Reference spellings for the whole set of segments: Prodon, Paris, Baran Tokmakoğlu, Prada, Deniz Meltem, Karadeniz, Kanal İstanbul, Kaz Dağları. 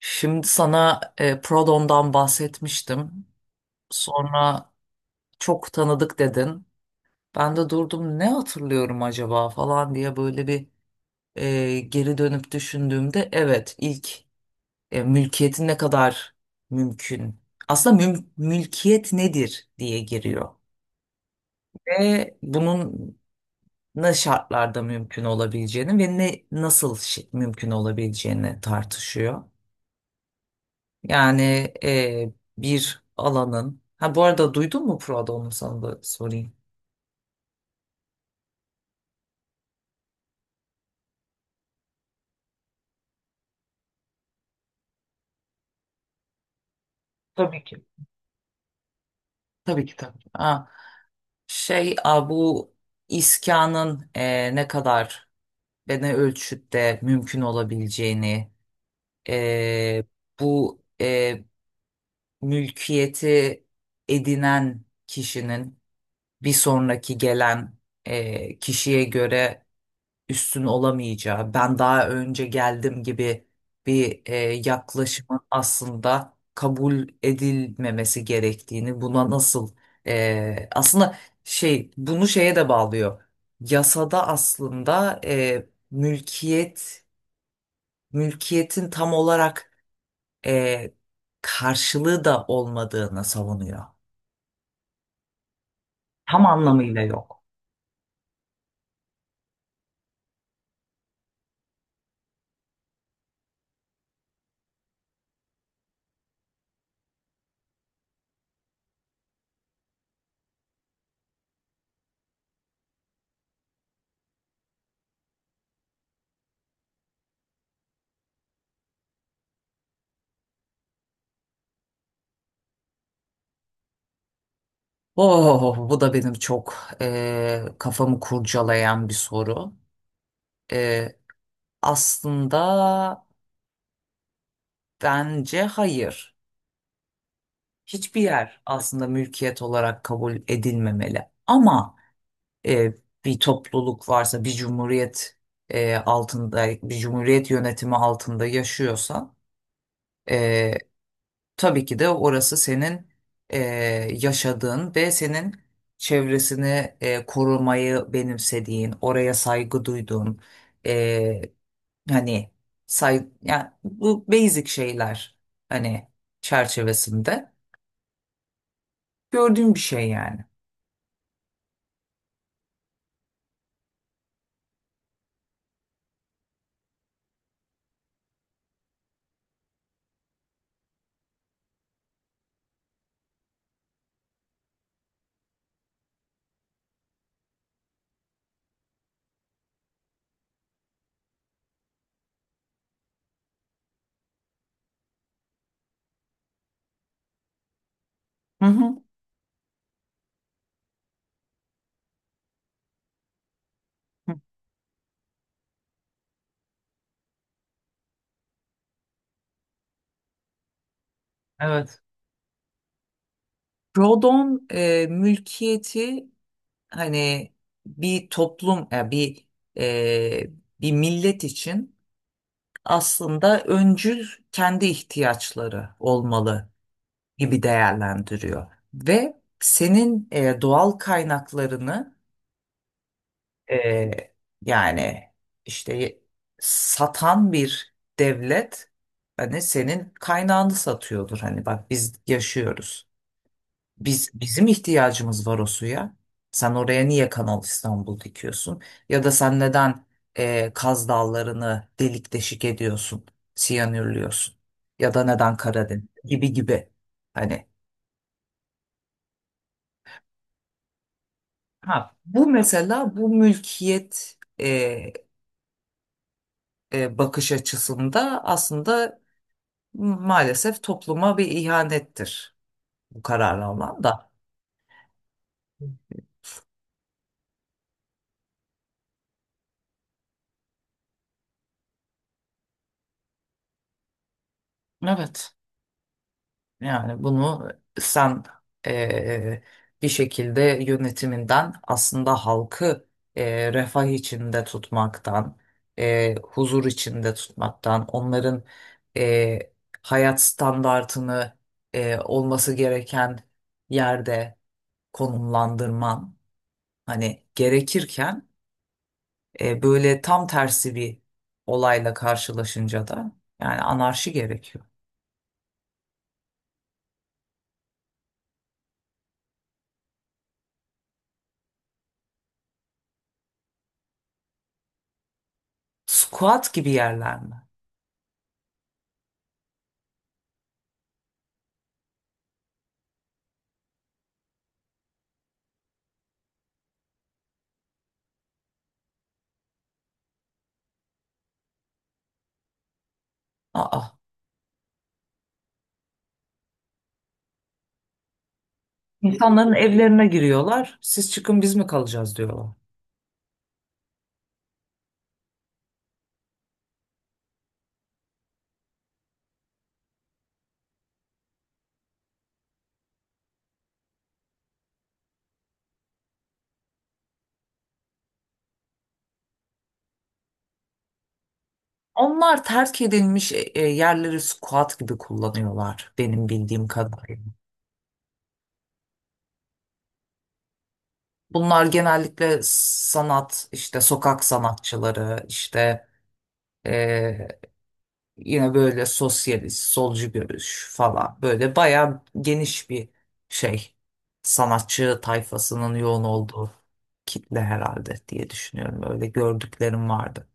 Şimdi sana Prodon'dan bahsetmiştim. Sonra çok tanıdık dedin. Ben de durdum, ne hatırlıyorum acaba falan diye böyle geri dönüp düşündüğümde evet ilk mülkiyetin ne kadar mümkün. Aslında mülkiyet nedir diye giriyor. Ve bunun ne şartlarda mümkün olabileceğini ve ne nasıl mümkün olabileceğini tartışıyor. Yani e, bir alanın. Ha, bu arada duydun mu Prada, onu sana da sorayım. Tabii ki. Tabii ki, tabii ki. Ha, bu iskanın ne kadar ve ne ölçütte mümkün olabileceğini, e, bu e, mülkiyeti edinen kişinin bir sonraki gelen kişiye göre üstün olamayacağı, ben daha önce geldim gibi bir yaklaşımın aslında kabul edilmemesi gerektiğini, buna nasıl aslında bunu şeye de bağlıyor. Yasada aslında mülkiyet mülkiyetin tam olarak e, karşılığı da olmadığını savunuyor. Tam anlamıyla yok. Oh, bu da benim çok kafamı kurcalayan bir soru. Eee, Aslında bence hayır. Hiçbir yer aslında mülkiyet olarak kabul edilmemeli. Ama eee, bir topluluk varsa, bir cumhuriyet altında, bir cumhuriyet yönetimi altında yaşıyorsan Ee, tabii ki de orası senin e, yaşadığın ve senin çevresini korumayı benimsediğin, oraya saygı duyduğun, e, hani yani bu basic şeyler hani çerçevesinde gördüğüm bir şey yani. Hı hı. Hı. Evet. Rodon mülkiyeti hani bir toplum, ya bir e, bir millet için. Aslında öncül kendi ihtiyaçları olmalı gibi değerlendiriyor. Ve senin doğal kaynaklarını e, yani işte satan bir devlet, hani senin kaynağını satıyordur. Hani bak, biz yaşıyoruz. Biz, bizim ihtiyacımız var o suya. Sen oraya niye Kanal İstanbul dikiyorsun? Ya da sen neden Kaz Dağları'nı delik deşik ediyorsun, siyanürlüyorsun? Ya da neden Karadeniz gibi gibi. Hani, ha bu mesela bu mülkiyet bakış açısında aslında maalesef topluma bir ihanettir bu kararlı olan da. Evet. Yani bunu sen eee, bir şekilde yönetiminden aslında halkı refah içinde tutmaktan, huzur içinde tutmaktan, onların eee, hayat standartını olması gereken yerde konumlandırman hani gerekirken böyle tam tersi bir olayla karşılaşınca da yani anarşi gerekiyor. Squat gibi yerler mi? Aa. İnsanların evlerine giriyorlar. Siz çıkın biz mi kalacağız diyorlar. Onlar terk edilmiş yerleri squat gibi kullanıyorlar benim bildiğim kadarıyla. Bunlar genellikle sanat, işte sokak sanatçıları, işte e, yine böyle sosyalist, solcu görüş falan. Böyle bayağı geniş bir şey. Sanatçı tayfasının yoğun olduğu kitle herhalde diye düşünüyorum. Öyle gördüklerim vardı.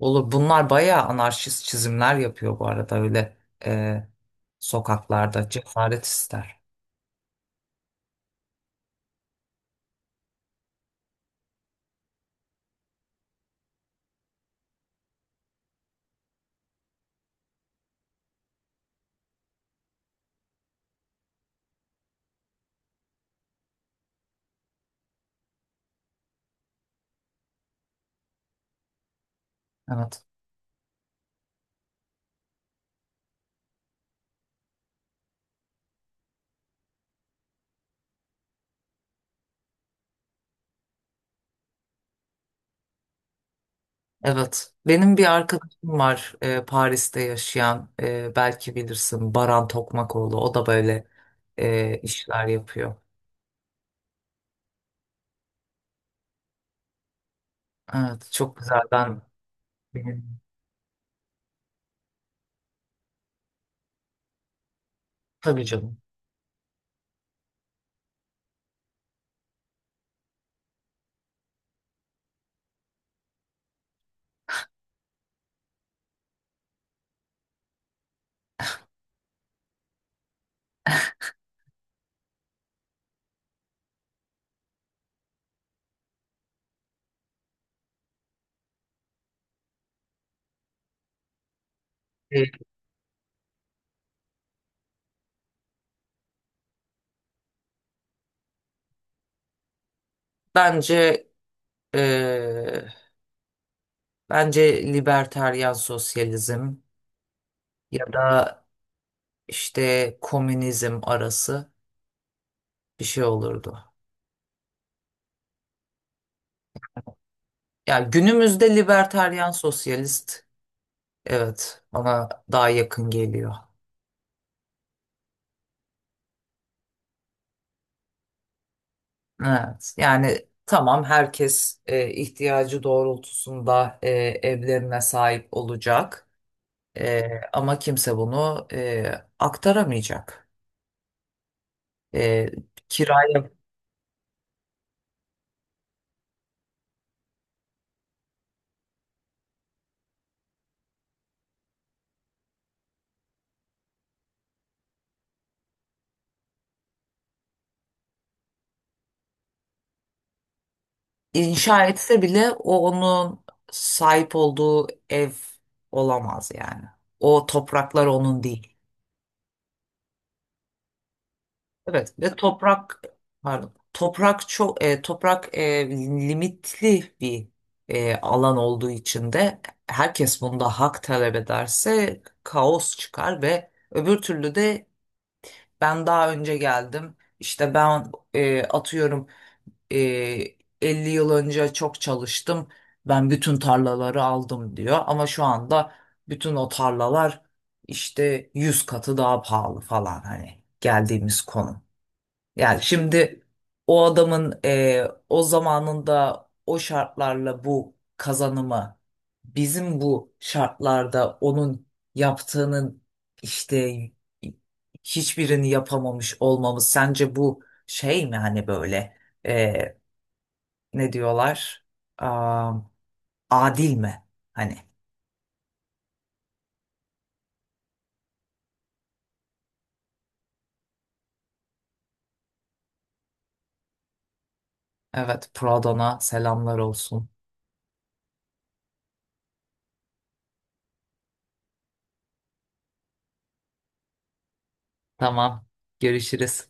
Olur. Bunlar bayağı anarşist çizimler yapıyor bu arada, öyle e, sokaklarda cesaret ister. Evet. Evet. Benim bir arkadaşım var Paris'te yaşayan, belki bilirsin, Baran Tokmakoğlu. O da böyle işler yapıyor. Evet. Çok güzel. Benim, tabii canım. E, bence e, bence liberteryan sosyalizm ya da işte komünizm arası bir şey olurdu. Ya günümüzde libertaryen sosyalist, evet, bana daha yakın geliyor. Evet yani tamam, herkes ihtiyacı doğrultusunda evlerine sahip olacak, E, ama kimse bunu aktaramayacak. E, kiraya inşa etse bile o onun sahip olduğu ev olamaz yani. O topraklar onun değil. Evet, ve toprak, pardon, toprak çok toprak limitli bir alan olduğu için de herkes bunda hak talep ederse kaos çıkar. Ve öbür türlü de ben daha önce geldim, işte ben, atıyorum, e, 50 yıl önce çok çalıştım, ben bütün tarlaları aldım diyor, ama şu anda bütün o tarlalar işte 100 katı daha pahalı falan, hani geldiğimiz konum. Yani şimdi o adamın o zamanında o şartlarla bu kazanımı, bizim bu şartlarda onun yaptığının işte hiçbirini yapamamış olmamız, sence bu şey mi, hani böyle eee, ne diyorlar, Aa, adil mi? Hani evet, Pradon'a selamlar olsun. Tamam, görüşürüz.